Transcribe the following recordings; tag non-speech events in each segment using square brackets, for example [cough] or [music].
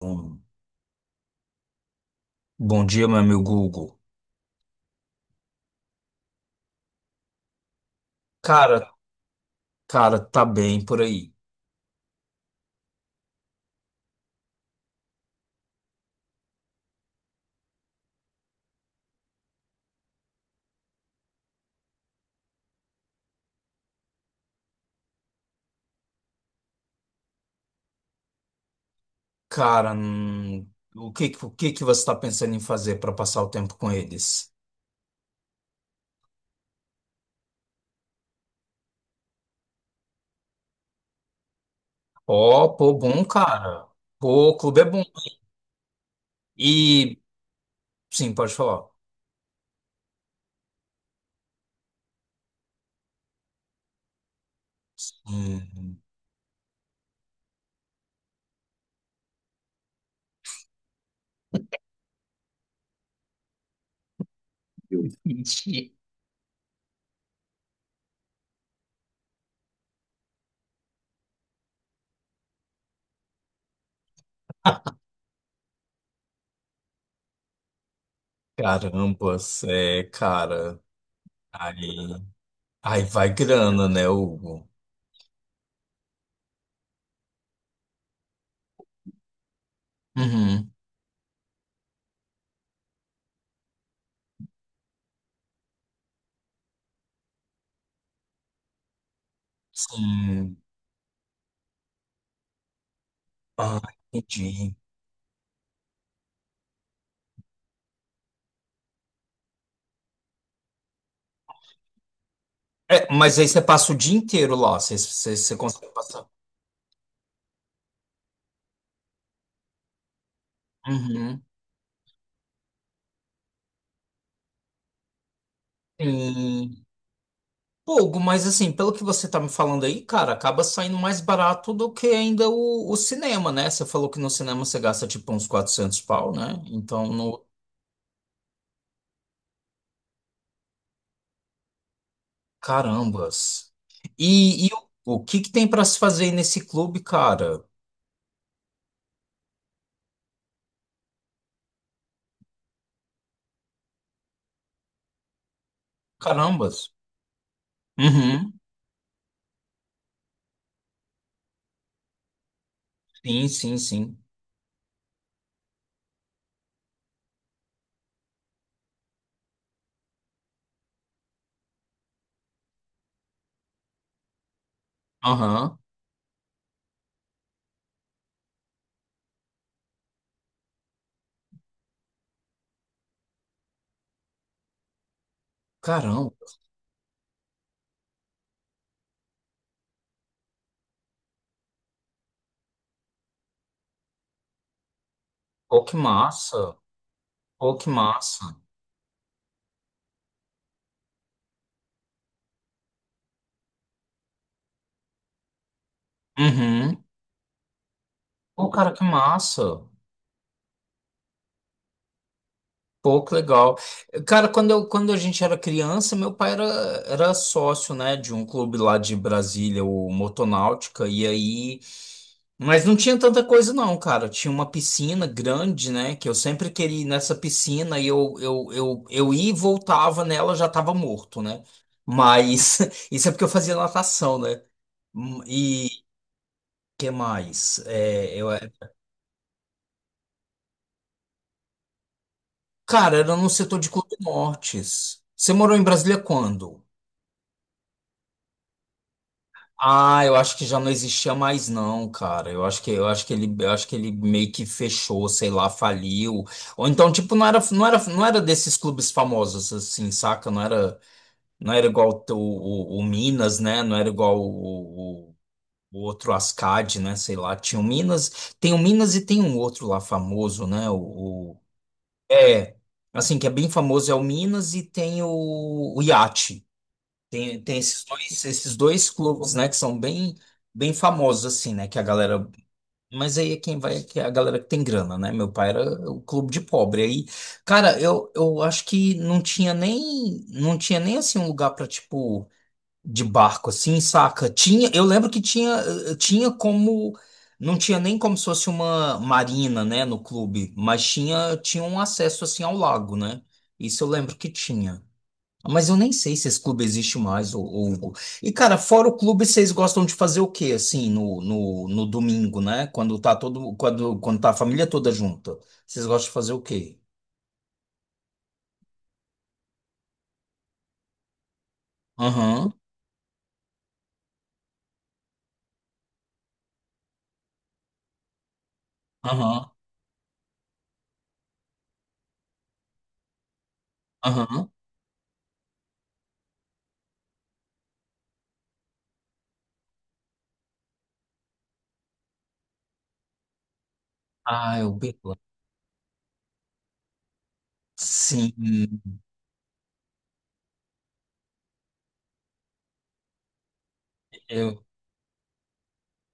Bom, bom dia, meu amigo Google. Cara, cara, tá bem por aí. Cara, o que que você tá pensando em fazer para passar o tempo com eles? Ó, pô, bom, cara. Pô, o clube é bom. E, sim, pode falar. [laughs] Ixi, carambas, é, cara. Aí, aí vai grana, né, Hugo? Uhum, sim. Ah, entendi. É, mas aí você passa o dia inteiro lá. Você consegue passar. Uhum. Sim. Pouco, mas assim, pelo que você tá me falando aí, cara, acaba saindo mais barato do que ainda o cinema, né? Você falou que no cinema você gasta tipo uns quatrocentos pau, né? Então, no... Carambas. E o que que tem pra se fazer aí nesse clube, cara? Carambas. Uhum. Sim, sim, sim. Aham. Caramba. Pô, que massa. Pô, que massa. Uhum. Pô, cara, que massa. Pô, que legal. Cara, quando a gente era criança, meu pai era sócio, né, de um clube lá de Brasília, o Motonáutica, e aí. Mas não tinha tanta coisa, não, cara. Tinha uma piscina grande, né, que eu sempre queria ir nessa piscina e eu ia e voltava nela, já tava morto, né? Mas [laughs] isso é porque eu fazia natação, né? E que mais? É cara, era no setor de Clube Nortes. Você morou em Brasília quando? Ah, eu acho que já não existia mais não, cara. Eu acho que ele eu acho que ele meio que fechou, sei lá, faliu. Ou então tipo não era desses clubes famosos assim, saca? Não era igual o Minas, né? Não era igual o outro Ascad, né? Sei lá. Tinha o Minas, tem o Minas e tem um outro lá famoso, né? É assim que é bem famoso é o Minas e tem o Iate. Tem esses dois clubes, né, que são bem famosos, assim, né, que a galera... Mas aí é quem vai, que é a galera que tem grana, né? Meu pai era o clube de pobre. Aí, cara, eu acho que não tinha nem, assim, um lugar pra, tipo, de barco, assim, saca? Tinha, eu lembro que tinha, tinha como... Não tinha nem como se fosse uma marina, né, no clube, mas tinha um acesso, assim, ao lago, né? Isso eu lembro que tinha. Mas eu nem sei se esse clube existe mais, ô Hugo. E, cara, fora o clube, vocês gostam de fazer o quê, assim, no domingo, né? Quando tá todo, quando tá a família toda junta. Vocês gostam de fazer o quê? Aham, aham, aham. Ah, eu bebo. Sim, eu,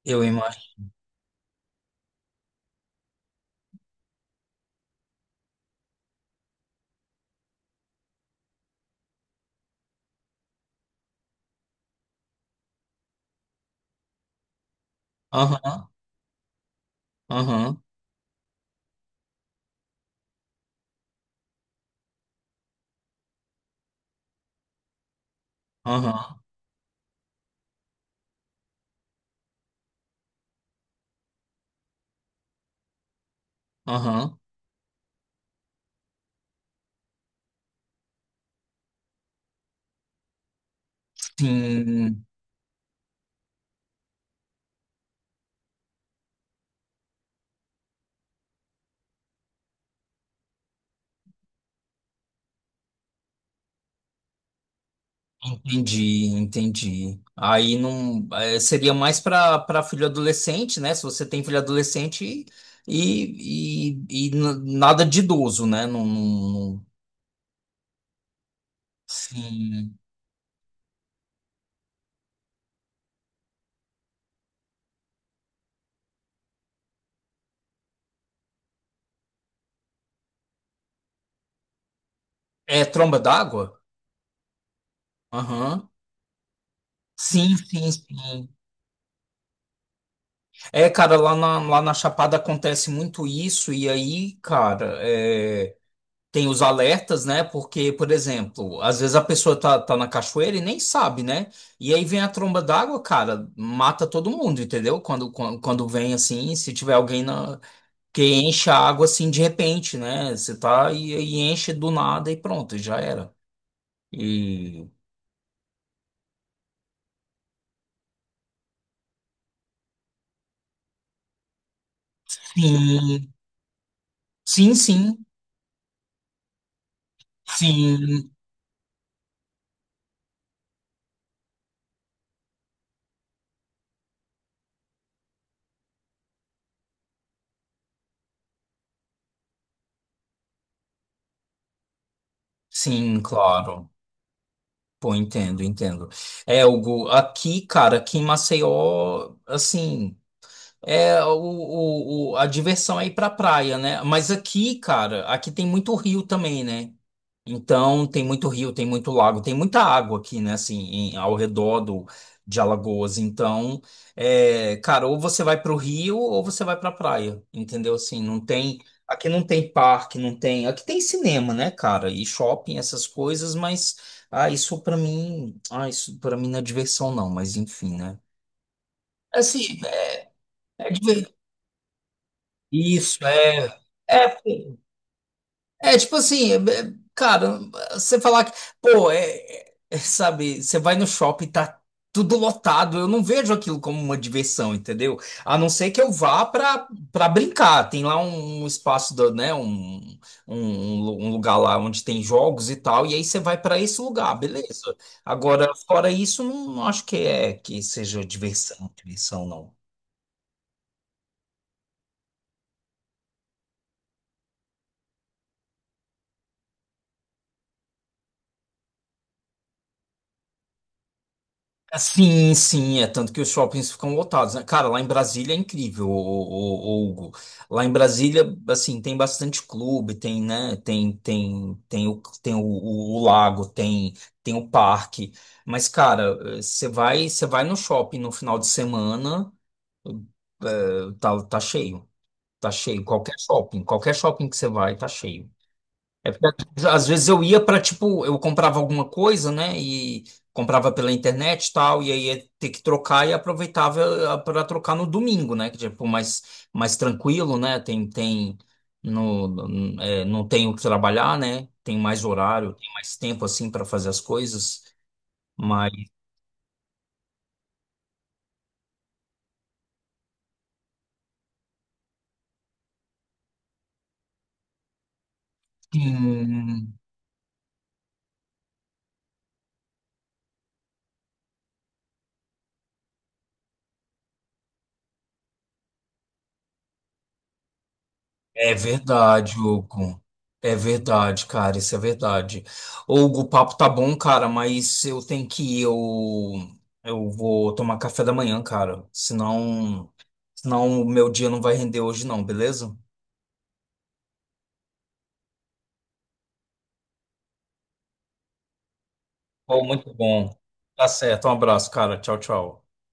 eu imagino. Aham, aham, aham, aham. Sim. Entendi, entendi. Aí não é, seria mais para filho adolescente, né? Se você tem filho adolescente e nada de idoso, né? Sim. É tromba d'água? Aham. Sim, sim, sim. É, cara, lá na Chapada acontece muito isso, e aí, cara, é. Tem os alertas, né? Porque, por exemplo, às vezes a pessoa tá na cachoeira e nem sabe, né? E aí vem a tromba d'água, cara, mata todo mundo, entendeu? Quando vem assim, se tiver alguém na, que enche a água assim de repente, né? Você tá e enche do nada e pronto, já era. E sim, sim, sim, sim, sim, claro. Pô, entendo, entendo. É, Hugo, aqui, cara, aqui em Maceió, assim. É, a diversão é ir pra praia, né? Mas aqui, cara, aqui tem muito rio também, né? Então, tem muito rio, tem muito lago, tem muita água aqui, né? Assim, ao redor do, de Alagoas. Então, é, cara, ou você vai pro rio ou você vai pra praia, entendeu? Assim, não tem. Aqui não tem parque, não tem. Aqui tem cinema, né, cara? E shopping, essas coisas, mas. Ah, isso pra mim. Ah, isso pra mim não é diversão, não, mas enfim, né? Assim, isso, é. É, pô, é tipo assim, cara, você falar que, pô, é, é, sabe, você vai no shopping, tá tudo lotado, eu não vejo aquilo como uma diversão, entendeu? A não ser que eu vá pra, pra brincar, tem lá um espaço, do, né, um lugar lá onde tem jogos e tal, e aí você vai pra esse lugar, beleza. Agora, fora isso, não, não acho que é que seja diversão, diversão, não. Sim, sim, é tanto que os shoppings ficam lotados, né? Cara, lá em Brasília é incrível, Hugo. Lá em Brasília, assim, tem bastante clube, tem, né? O lago, tem, tem o parque. Mas, cara, você vai no shopping no final de semana, tá, tá cheio, tá cheio. Qualquer shopping que você vai, tá cheio. É porque às vezes eu ia para, tipo, eu comprava alguma coisa, né? E comprava pela internet e tal, e aí ia ter que trocar e aproveitava para trocar no domingo, né? Que tipo, mais, mais tranquilo, né? Tem, tem, no, no- É, não tenho que trabalhar, né? Tem mais horário, tem mais tempo, assim, para fazer as coisas. Mas. Sim. É verdade, Hugo. É verdade, cara, isso é verdade. Hugo, o papo tá bom, cara, mas eu tenho que ir. Eu vou tomar café da manhã, cara. Senão, senão o meu dia não vai render hoje, não, beleza? Pô, muito bom. Tá certo. Um abraço, cara. Tchau, tchau.